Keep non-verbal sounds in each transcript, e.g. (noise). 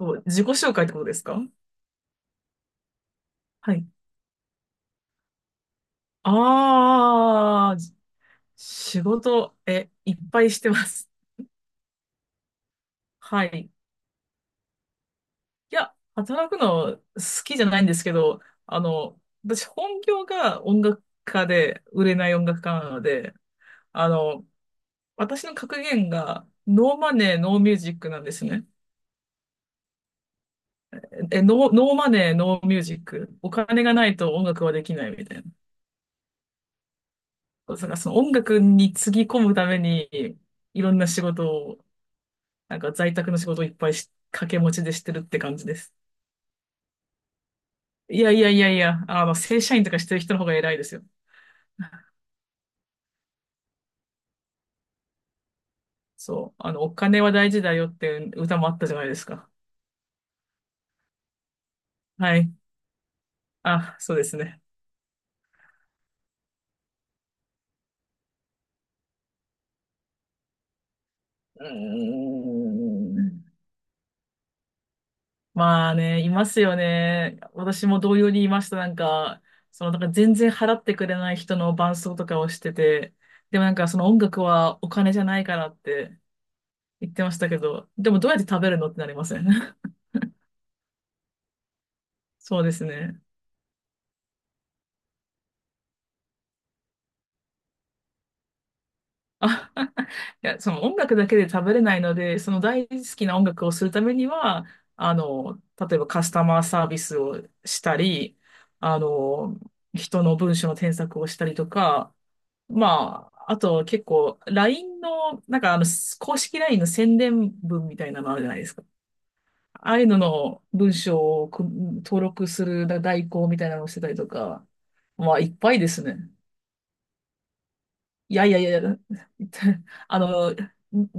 そう、自己紹介ってことですか？はい。ああ、仕事、いっぱいしてます。はい。いや、働くの好きじゃないんですけど、あの、私本業が音楽家で、売れない音楽家なので、あの、私の格言が、ノーマネー、ノーミュージックなんですね。ノーマネー、ノーミュージック。お金がないと音楽はできないみたいな。だからその音楽につぎ込むために、いろんな仕事をなんか在宅の仕事をいっぱい掛け持ちでしてるって感じです。いやいやいやいや、あの、正社員とかしてる人の方が偉いですよ。そう。あの、お金は大事だよっていう歌もあったじゃないですか。はい。あ、そうですね。うーん。まあね、いますよね。私も同様にいました。なんか、その、なんか全然払ってくれない人の伴奏とかをしてて、でもなんかその音楽はお金じゃないからって言ってましたけど、でもどうやって食べるのってなりません？ (laughs) そうですね。あ (laughs) いや、その音楽だけで食べれないので、その大好きな音楽をするためには、あの、例えばカスタマーサービスをしたり、あの、人の文章の添削をしたりとか、まあ、あと結構 LINE の、なんかあの、公式 LINE の宣伝文みたいなのあるじゃないですか。ああいうのの文章を登録する代行みたいなのをしてたりとか、まあ、いっぱいですね。いやいやいやいや、(laughs) あの、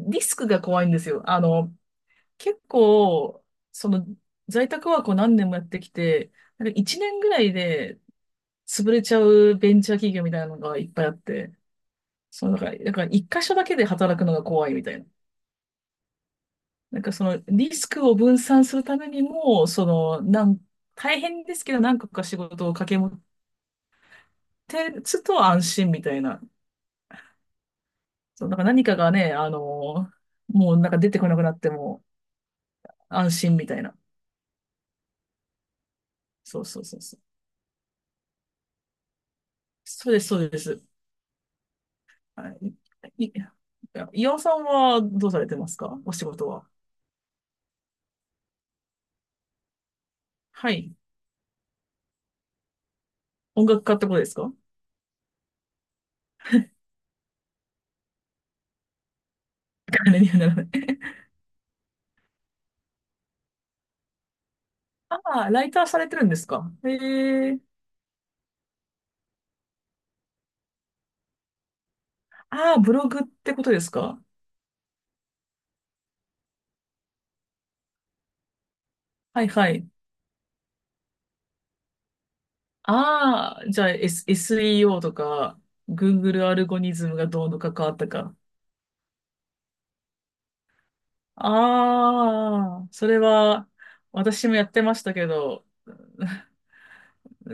リスクが怖いんですよ。あの、結構、その、在宅ワークを何年もやってきて、なんか1年ぐらいで潰れちゃうベンチャー企業みたいなのがいっぱいあって、その、だから1箇所だけで働くのが怖いみたいな。なんかその、リスクを分散するためにも、その、大変ですけど何個か仕事を掛け持ってつと安心みたいな。そう、なんか何かがね、あの、もうなんか出てこなくなっても、安心みたいな。そうそうそうそう。そうです、そうです。はい。い、い岩尾さんはどうされてますか？お仕事は？はい。音楽家ってことですか？ (laughs) 金にはならない。ああ、ライターされてるんですか？へえ。ああ、ブログってことですか？はいはい。ああ、じゃあ、S、e o とか、Google アルゴリズムがどうの関わったか。ああ、それは、私もやってましたけど、(laughs)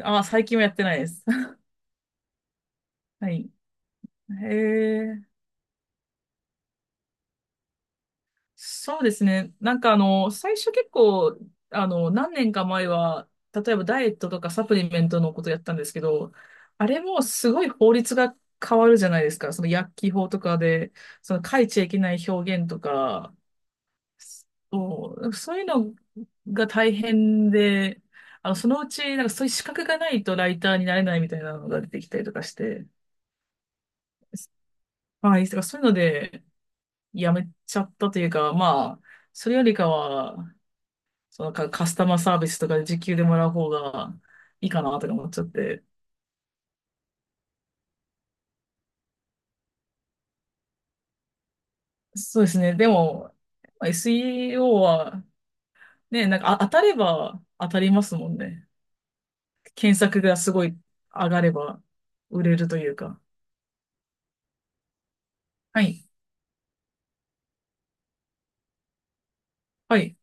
ああ、最近はやってないです。(laughs) はい。へえ、そうですね。なんかあの、最初結構、あの、何年か前は、例えばダイエットとかサプリメントのことやったんですけど、あれもすごい法律が変わるじゃないですか。その薬機法とかで、その書いちゃいけない表現とか、そうそういうのが大変で、あの、そのうち、なんかそういう資格がないとライターになれないみたいなのが出てきたりとかして、はい、だからそういうので、やめちゃったというか、まあ、それよりかは、そのカスタマーサービスとかで時給でもらう方がいいかなとか思っちゃって。そうですね。でも、まあ SEO は、ね、なんか当たれば当たりますもんね。検索がすごい上がれば売れるというか。はい。はい。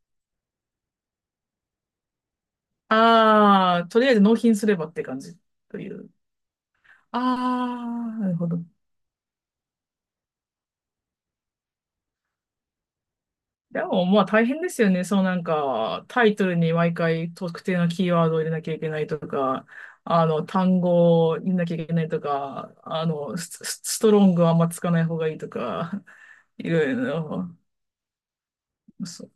ああ、とりあえず納品すればって感じという。ああ、なるほど。でも、まあ大変ですよね。そうなんか、タイトルに毎回特定のキーワードを入れなきゃいけないとか、あの、単語を入れなきゃいけないとか、あの、ストロングはあんまつかない方がいいとか、いろいろ、そ、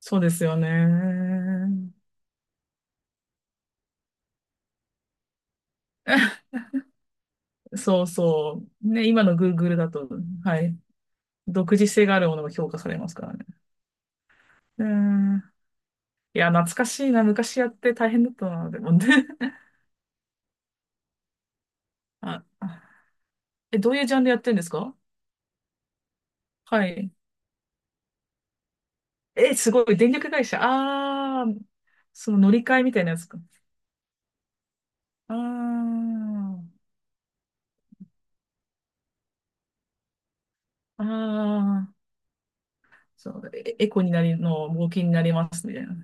そうですよね。(laughs) そうそう。ね、今の Google だと、はい。独自性があるものが評価されますからね。うん。いや、懐かしいな。昔やって大変だったな、でもね。(laughs) あ、あえ、どういうジャンルやってるんですか？はい。え、すごい。電力会社。ああ、その乗り換えみたいなやつか。ああ、ああ、そう、エエコになりの、冒険になりますみたいな。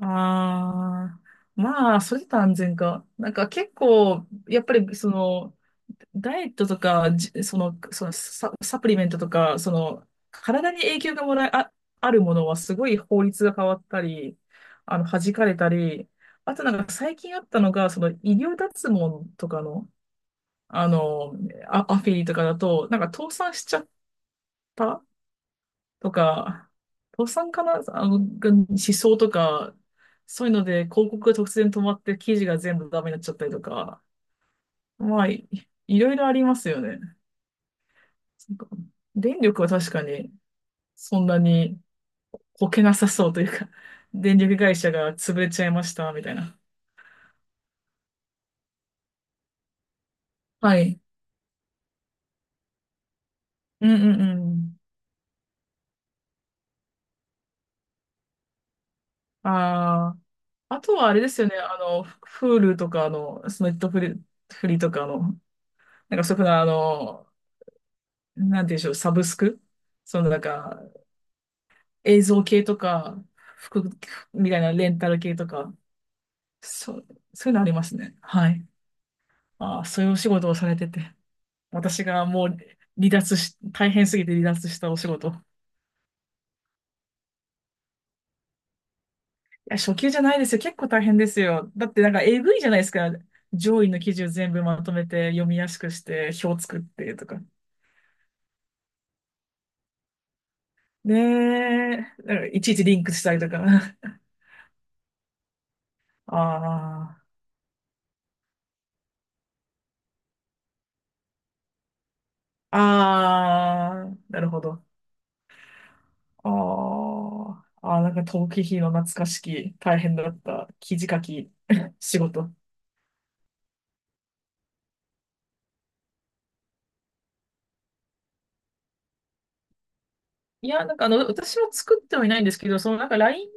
ああ、まあ、それと安全か。なんか結構、やっぱりその、ダイエットとか、その、そのサプリメントとか、その、体に影響がもらいあ、あるものはすごい法律が変わったり、あの、弾かれたり、あとなんか最近あったのが、その医療脱毛とかの、あの、アフィリとかだと、なんか倒産しちゃった。とか、倒産かなあの、が思想とか、そういうので広告が突然止まって記事が全部ダメになっちゃったりとか、まあ、いろいろありますよね。なんか電力は確かにそんなにこけなさそうというか、(laughs) 電力会社が潰れちゃいました、みたいな。はい。うんうんうん。ああ、あとはあれですよね、あの、Hulu とかの、そのネットフリ、フリとかの、なんかそういうふうな、あの、なんていうんでしょう、サブスクそのなんか、映像系とか、服みたいなレンタル系とか、そう、そういうのありますね。はい。ああ、そういうお仕事をされてて。私がもう離脱し、大変すぎて離脱したお仕事。いや、初級じゃないですよ。結構大変ですよ。だってなんかえぐいじゃないですか。上位の記事を全部まとめて読みやすくして表作ってとか。ねえ、なんかいちいちリンクしたりとか。(laughs) ああ、ああ、なるほど。ああ、ああ、なんか逃避費の懐かしき、大変だった記事書き (laughs) 仕事。いや、なんかあの、私も作ってはいないんですけど、そのなんか LINE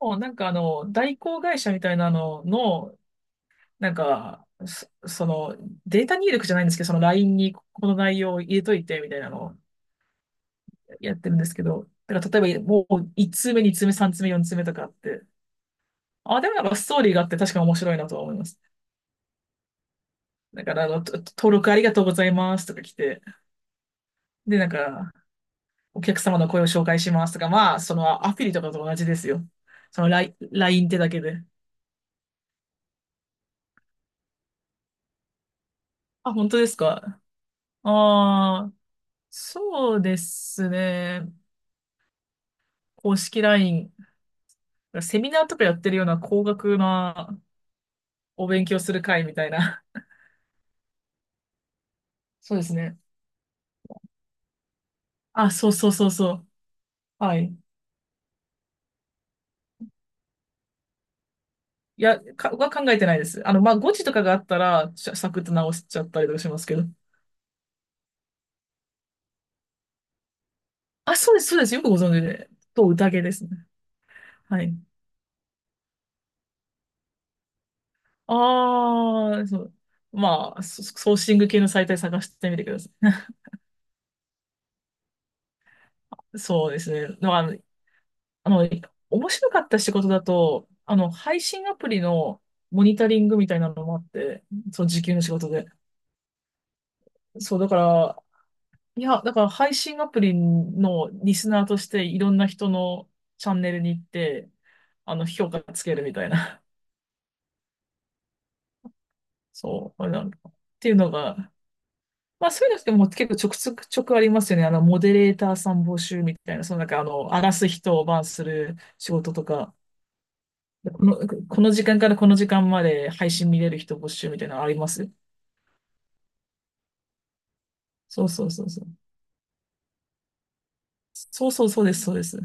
の、なんかあの、代行会社みたいなのの、なんか、その、データ入力じゃないんですけど、その LINE にこの内容を入れといて、みたいなのをやってるんですけど、だから例えばもう1通目、2通目、3通目、4通目とかあって、あ、でもなんかストーリーがあって確かに面白いなとは思います。だからあの、登録ありがとうございますとか来て、で、なんか、お客様の声を紹介しますとか、まあ、そのアフィリとかと同じですよ。そのLINE ってだけで。あ、本当ですか？ああ、そうですね。公式 LINE。セミナーとかやってるような高額なお勉強する会みたいな。そうですね。あ、そうそうそうそう。はい。いや、は考えてないです。あの、まあ、誤字とかがあったら、サクッと直しちゃったりとかしますけど。あ、そうです、そうです。よくご存知で。と、宴ですね。はい。ああ、そう。まあ、ソーシング系のサイトで探してみてください。(laughs) そうですね。まあ、あの面白かった仕事だと、あの、配信アプリのモニタリングみたいなのもあって、そう、時給の仕事で。そう、だから、いや、だから配信アプリのリスナーとしていろんな人のチャンネルに行って、あの、評価つけるみたいな。そう、あれなんかっていうのがまあそういうのってもう結構ちょくちょくちょくありますよね。あの、モデレーターさん募集みたいな、そのなんかあの、荒らす人をバンする仕事とか、この、この時間からこの時間まで配信見れる人募集みたいなのありますそうそうそうそう。そうそうそうです、そうです。